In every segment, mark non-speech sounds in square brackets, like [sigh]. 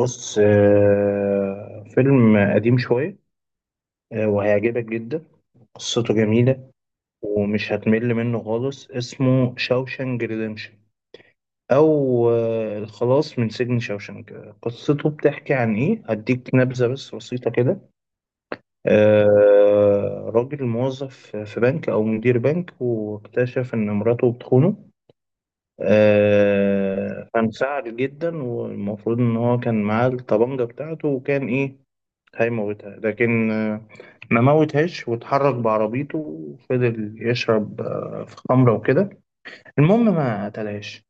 بص، فيلم قديم شوية. وهيعجبك جدا. قصته جميلة ومش هتمل منه خالص. اسمه شاوشانج ريديمشن، أو الخلاص من سجن شاوشانج. قصته بتحكي عن إيه؟ هديك نبذة بس بسيطة كده. راجل موظف في بنك أو مدير بنك، واكتشف إن مراته بتخونه. فانسعر جدا، والمفروض إن هو كان معاه الطبانجة بتاعته، وكان إيه هيموتها. لكن ما موتهاش، واتحرك بعربيته وفضل يشرب في خمرة وكده. المهم ما قتلهاش.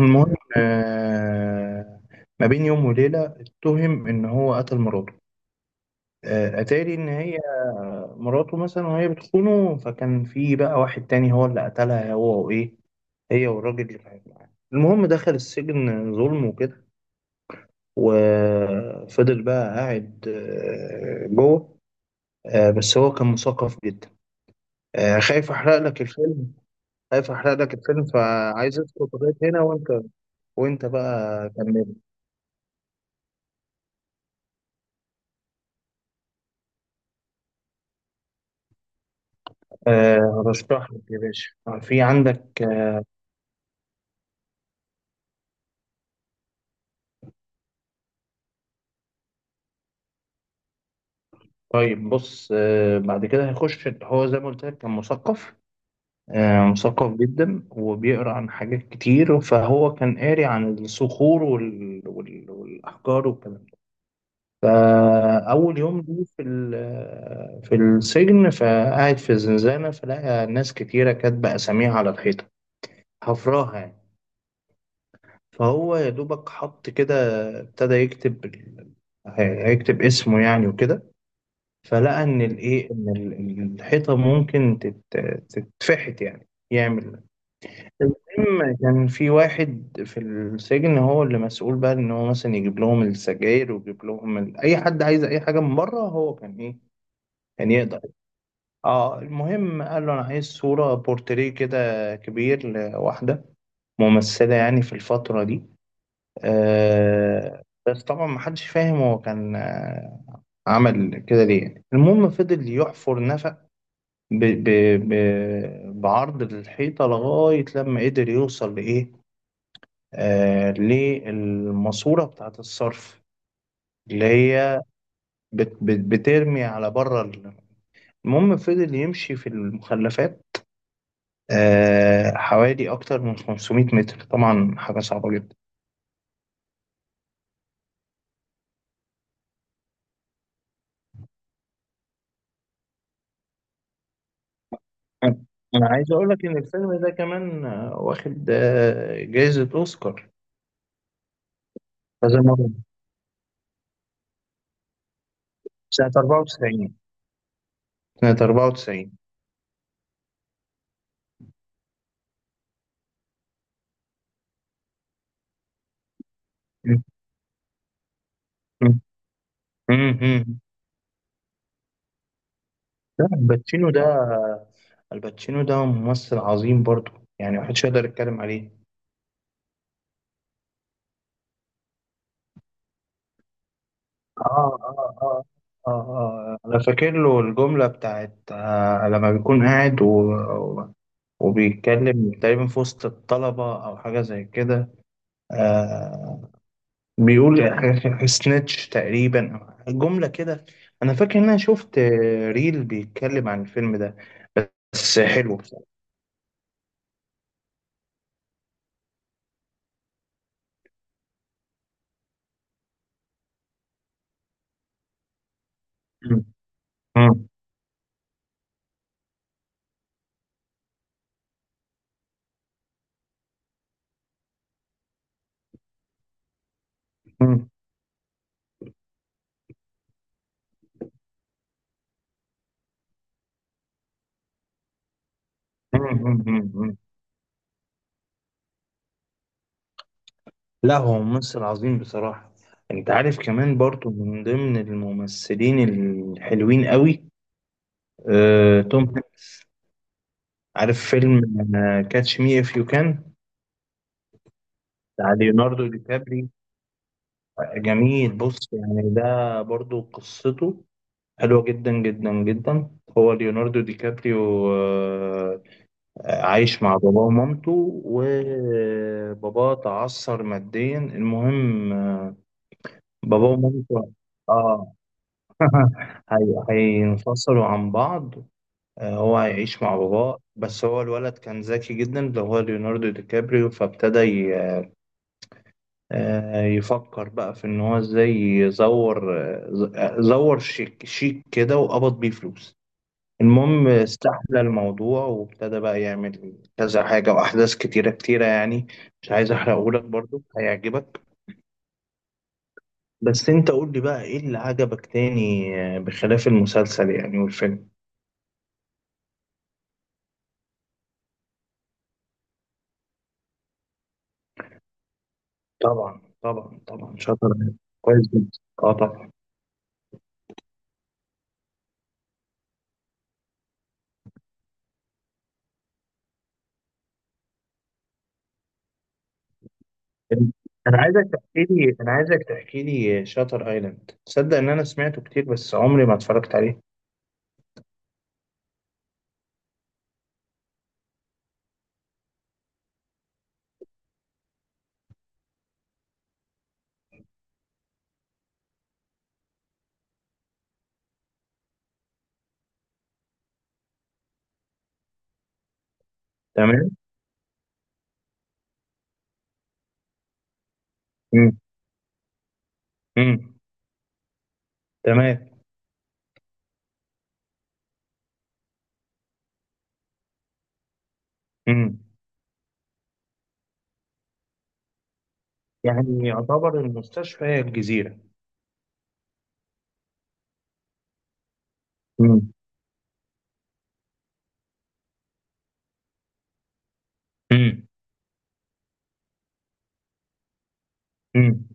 المهم، ما بين يوم وليلة اتهم إن هو قتل مراته. أتاري إن هي مراته مثلا وهي بتخونه، فكان في بقى واحد تاني هو اللي قتلها، هو وإيه، هي والراجل اللي كانت معاه. المهم دخل السجن ظلم وكده، وفضل بقى قاعد جوه. بس هو كان مثقف جدا. آه، خايف احرق لك الفيلم خايف احرق لك الفيلم، فعايز اسكت لغايه هنا. وانت بقى كمل. هشرح لك يا باشا. آه، في عندك آه، طيب بص، بعد كده هيخش. هو زي ما قلت لك كان مثقف، مثقف جدا وبيقرا عن حاجات كتير. فهو كان قاري عن الصخور والاحجار والكلام ده. فأول يوم لي في السجن، فقاعد في الزنزانة، فلقى ناس كتيرة كاتبة أساميها على الحيطة، حفراها يعني. فهو يا دوبك حط كده، ابتدى هيكتب اسمه يعني وكده. فلقى إن الإيه، إن الحيطة ممكن تتفحت يعني، يعمل. المهم كان في واحد في السجن هو اللي مسؤول بقى، إن هو مثلا يجيب لهم السجاير ويجيب لهم أي حد عايز أي حاجة من بره، هو كان إيه، كان يقدر. اه المهم قال له: انا عايز صورة بورتريه كده كبير لواحدة ممثلة يعني، في الفترة دي. آه بس طبعا ما حدش فاهم هو كان عمل كده ليه يعني. المهم فضل يحفر نفق ب ب ب بعرض الحيطة، لغاية لما قدر يوصل لإيه آه للماسورة بتاعة الصرف، اللي هي بت بت بترمي على بره المهم فضل يمشي في المخلفات، حوالي أكتر من 500 متر، طبعا حاجة صعبة جدا. أنا أنا عايز أقول لك إن الفيلم ده كمان واخد جايزة أوسكار، هذا مرة. سنة 94. سنة 94. م- م- م- م. لا، الباتشينو ده، ممثل عظيم برضه، يعني محدش يقدر يتكلم عليه. آه آه آه أنا فاكر له الجملة بتاعت لما بيكون قاعد و- وبيتكلم تقريبا في وسط الطلبة أو حاجة زي كده. آه بيقول سنيتش تقريبا، أو جملة كده. أنا فاكر إن أنا شفت ريل بيتكلم عن الفيلم ده، بس حلو بصراحة. مم. مم. مم. مم. مم. مم. لا، هو ممثل عظيم بصراحة. أنت عارف كمان برضو من ضمن الممثلين الحلوين قوي توم هانكس؟ عارف فيلم كاتش مي اف يو كان، بتاع ليوناردو دي كابري؟ جميل. بص يعني، ده برضو قصته حلوة جدا جدا جدا. هو ليوناردو دي كابريو عايش مع باباه ومامته، وباباه تعثر ماديا. المهم، باباه ومامته، اه. [laughs] هينفصلوا عن بعض. هو هيعيش مع باباه، بس هو الولد كان ذكي جدا، اللي هو ليوناردو دي كابريو. فابتدى يفكر بقى في ان هو ازاي يزور، زور شيك شيك كده، وقبض بيه فلوس. المهم استحمل الموضوع، وابتدى بقى يعمل كذا حاجة وأحداث كتيرة كتيرة يعني. مش عايز أحرقهولك، برضو هيعجبك. بس أنت قول لي بقى، إيه اللي عجبك تاني، بخلاف المسلسل يعني والفيلم؟ طبعا طبعا طبعا، شاطر. كويس جدا. اه طبعا. أنا عايزك تحكي لي شاتر أيلاند. تصدق إن أنا سمعته كتير بس عمري ما اتفرجت عليه؟ تمام. مم. مم. تمام. مم. يعني يعتبر المستشفى هي الجزيرة. مم. مم. امم.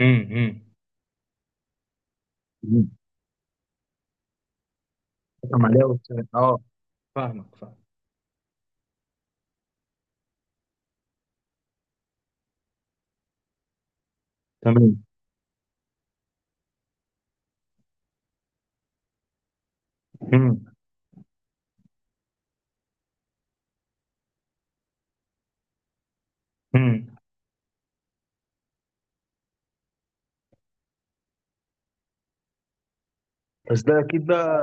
امم. مم. فاهم عليها والسلام. اه، فاهمك، فاهم. تمام. امم. امم. بس ده اكيد بقى،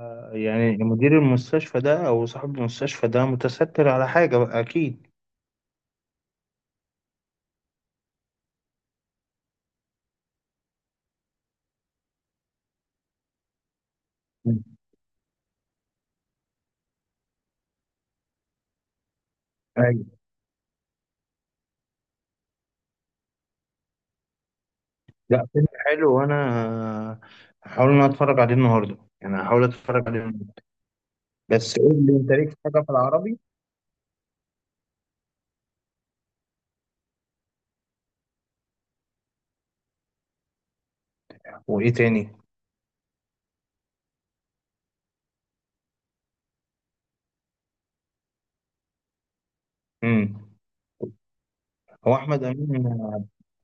يعني مدير المستشفى ده او صاحب المستشفى ده متستر على حاجه بقى اكيد. مم. ايوه. لا، فيلم حلو، وانا آه، هحاول ان أنا اتفرج عليه النهارده، يعني هحاول اتفرج عليه النهارده. بس قول لي انت، ليك حاجه في العربي؟ وايه تاني؟ امم. هو احمد امين،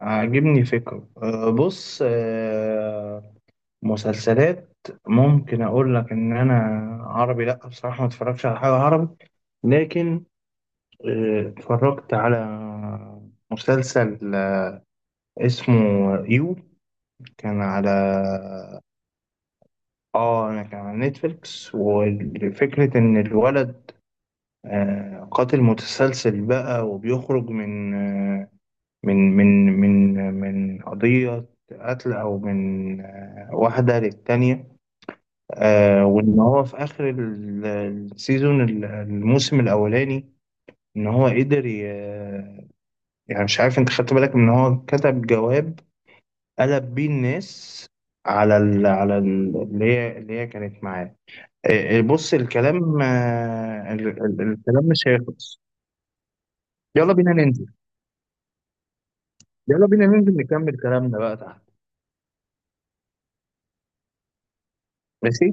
عاجبني فكره. بص، مسلسلات، ممكن اقول لك ان انا عربي، لا بصراحه ما اتفرجش على حاجه عربي. لكن اتفرجت على مسلسل اسمه يو، كان على. اه، انا كان على نتفليكس. وفكره ان الولد قاتل متسلسل بقى، وبيخرج من آه، من من من آه، من قضيه قتل، او من واحده للتانيه. وان هو في اخر الموسم الاولاني، ان هو قدر، يعني مش عارف انت خدت بالك من ان هو كتب جواب قلب بيه الناس على اللي هي كانت معاه. بص الكلام، الكلام مش هيخلص. يلا بينا ننزل يلا بينا ننزل نكمل كلامنا بقى تحت. ماشي.